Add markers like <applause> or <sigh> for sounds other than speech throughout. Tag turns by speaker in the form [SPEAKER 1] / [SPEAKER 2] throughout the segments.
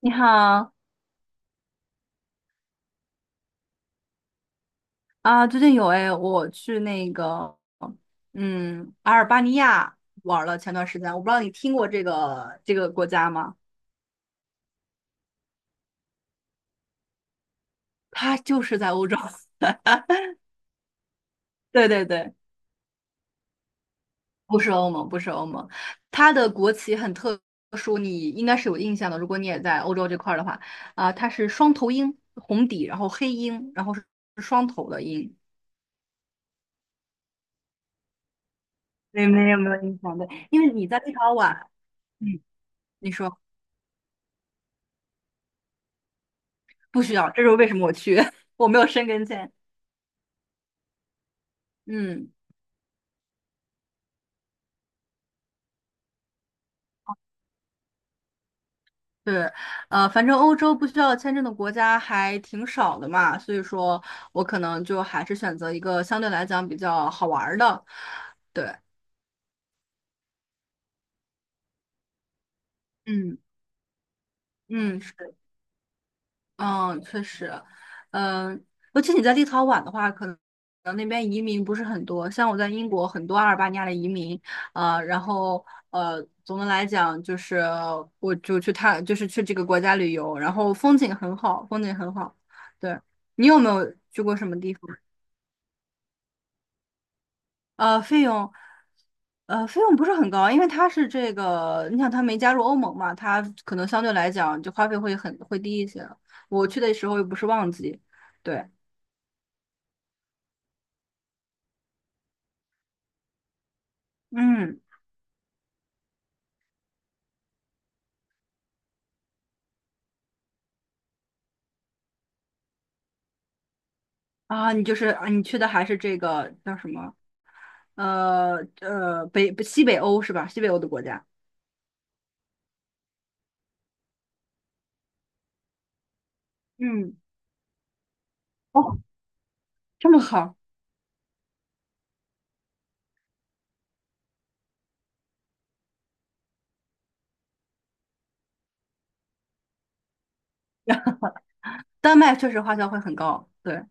[SPEAKER 1] 你好啊，最近有哎，我去那个，阿尔巴尼亚玩了前段时间，我不知道你听过这个国家吗？它就是在欧洲，<laughs> 对对对，不是欧盟，不是欧盟，它的国旗很特殊，你应该是有印象的，如果你也在欧洲这块儿的话，啊，它是双头鹰，红底，然后黑鹰，然后是双头的鹰。对，没有没有印象的对，因为你在立陶宛，嗯，你说不需要，这是为什么我去，<laughs> 我没有申根签。嗯，对，反正欧洲不需要签证的国家还挺少的嘛，所以说我可能就还是选择一个相对来讲比较好玩儿的。对，嗯嗯，是嗯，确实，嗯，尤其你在立陶宛的话，可能那边移民不是很多。像我在英国，很多阿尔巴尼亚的移民，啊，然后总的来讲就是，我就去探，就是去这个国家旅游，然后风景很好，风景很好。对，你有没有去过什么地方？呃，费用，费用不是很高，因为它是这个，你想它没加入欧盟嘛，它可能相对来讲就花费会低一些。我去的时候又不是旺季，对。嗯你就是啊，你去的还是这个叫什么？西北欧是吧？西北欧的国家。嗯，哦，这么好，丹麦确实花销会很高。对，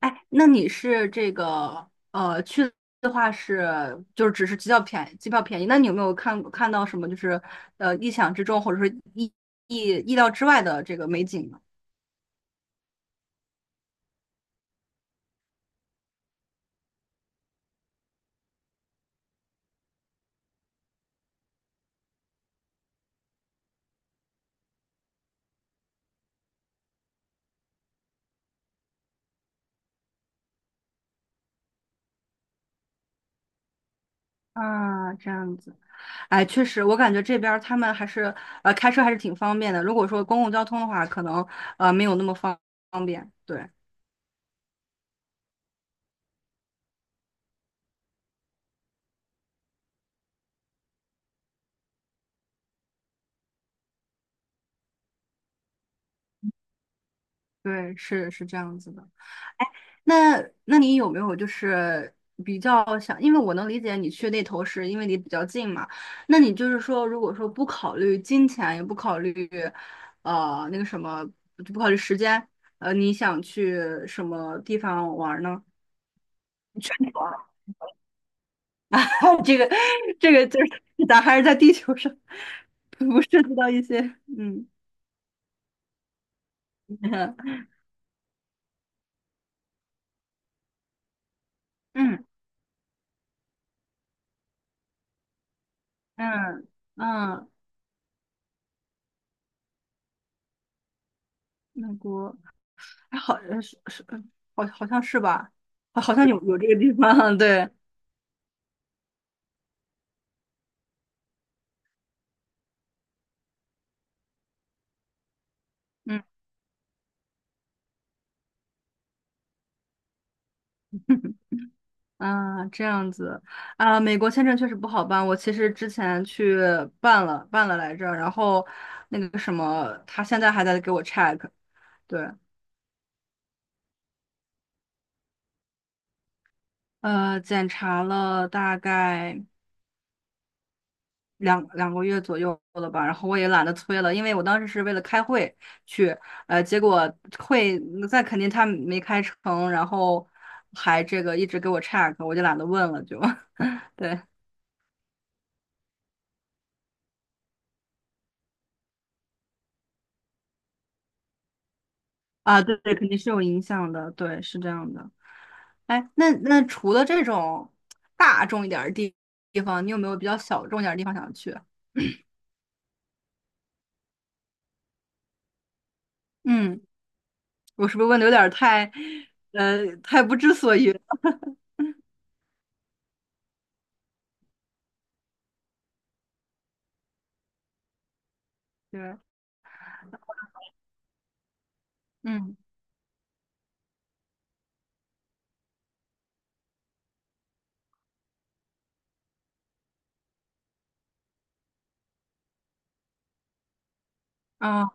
[SPEAKER 1] 哎，那你是这个去的话是就是只是机票便宜，机票便宜。那你有没有看到什么就是意想之中或者说意意料之外的这个美景呢？啊，这样子，哎，确实，我感觉这边儿他们还是开车还是挺方便的。如果说公共交通的话，可能没有那么方便。对对，是这样子的。哎，那那你有没有就是比较想，因为我能理解你去那头是因为离比较近嘛，那你就是说，如果说不考虑金钱，也不考虑那个什么，就不考虑时间，你想去什么地方玩儿呢？全球啊 <laughs> 这个这个就是咱还是在地球上，不涉及到一些嗯 <laughs> 嗯嗯嗯，美国哎好是好像是吧？好像有这个地方，<laughs> 对，嗯 <laughs> 啊这样子啊，美国签证确实不好办。我其实之前去办了来着，然后那个什么，他现在还在给我 check,对，检查了大概。两个月左右了吧，然后我也懒得催了，因为我当时是为了开会去，结果会在肯定他没开成，然后还这个一直给我 check,我就懒得问了就 <laughs>，对啊，对对，肯定是有影响的，对，是这样的。哎，那除了这种大众一点儿的方，你有没有比较小众一点儿的地方想去？嗯，我是不是问的有点儿太不知所云了？对，嗯，啊。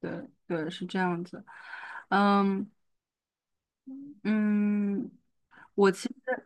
[SPEAKER 1] 对对，是这样子。嗯嗯，我其实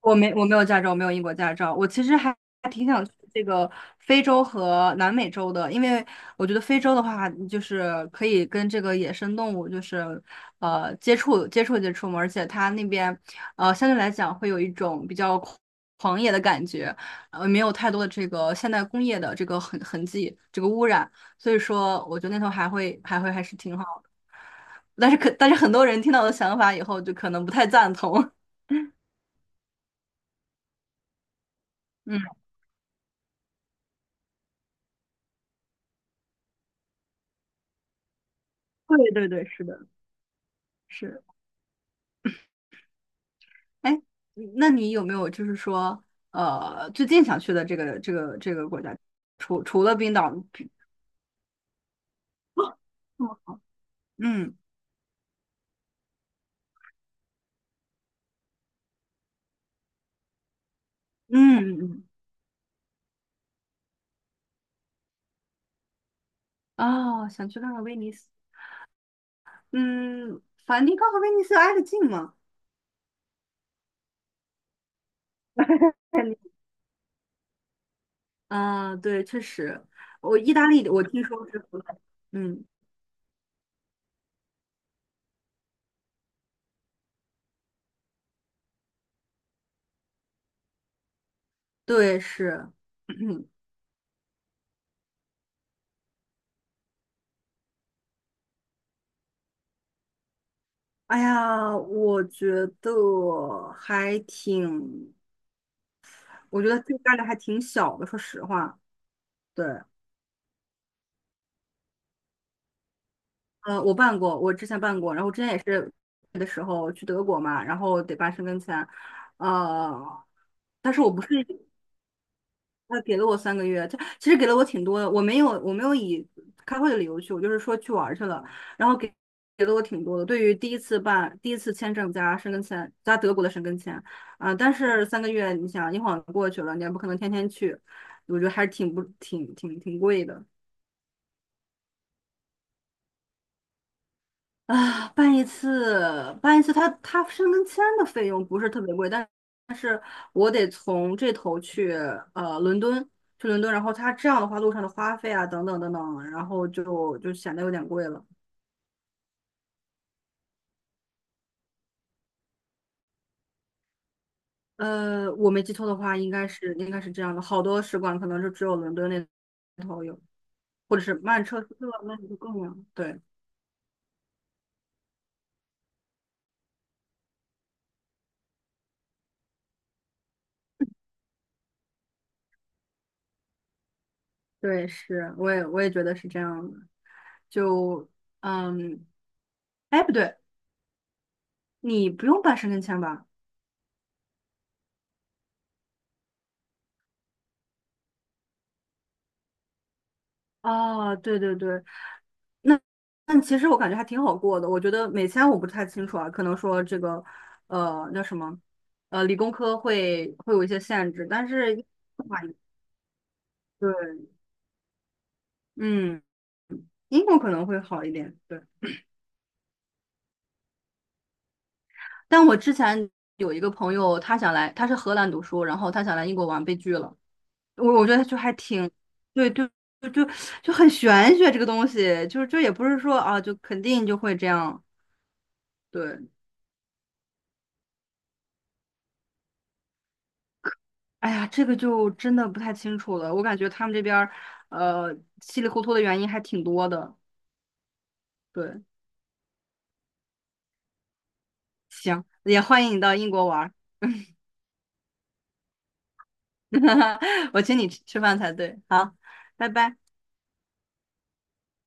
[SPEAKER 1] 我没我没有驾照，我没有英国驾照。我其实还挺想去这个非洲和南美洲的，因为我觉得非洲的话，就是可以跟这个野生动物就是接触接触嘛，而且它那边相对来讲会有一种比较野的感觉，没有太多的这个现代工业的这个迹，这个污染，所以说我觉得那头还是挺好。但是很多人听到我的想法以后，就可能不太赞同。<laughs> 嗯，对对对，是的，是。哎，那你有没有就是说，最近想去的这个国家，除了冰岛，嗯嗯嗯，哦，想去看看威尼斯。嗯，梵蒂冈和威尼斯挨得近吗？嗯，啊对，确实，我意大利我听说是不赖，嗯，对，是。<clears throat> 哎呀，我觉得这个概率还挺小的，说实话。对，我之前办过，然后我之前也是的时候去德国嘛，然后得办申根签，呃，但是我不是。他给了我三个月，他其实给了我挺多的，我没有以开会的理由去，我就是说去玩儿去了，然后给了我挺多的。对于第一次签证加申根签加德国的申根签啊、但是三个月，你想一晃过去了，你也不可能天天去，我觉得还是挺不挺挺挺贵的。啊，办一次，它申根签的费用不是特别贵，但是我得从这头去伦敦，去伦敦，然后它这样的话，路上的花费啊，等等等等，然后就显得有点贵了。我没记错的话，应该是这样的，好多使馆可能是只有伦敦那头有，或者是曼彻斯特，那里就更远。对对，是，我也觉得是这样的。就嗯，哎，不对，你不用办申根签吧？哦，对对对，那那其实我感觉还挺好过的。我觉得美签我不太清楚啊，可能说这个，那什么，理工科会有一些限制，但是英国的话对，嗯，英国可能会好一点。对，但我之前有一个朋友，他想来，他是荷兰读书，然后他想来英国玩，被拒了。我觉得就还挺，对对就就就很玄学这个东西，就是也不是说啊，就肯定就会这样。对，哎呀，这个就真的不太清楚了。我感觉他们这边儿，稀里糊涂的原因还挺多的。对，行，也欢迎你到英国玩儿，<laughs> 我请你吃饭才对。好，拜拜。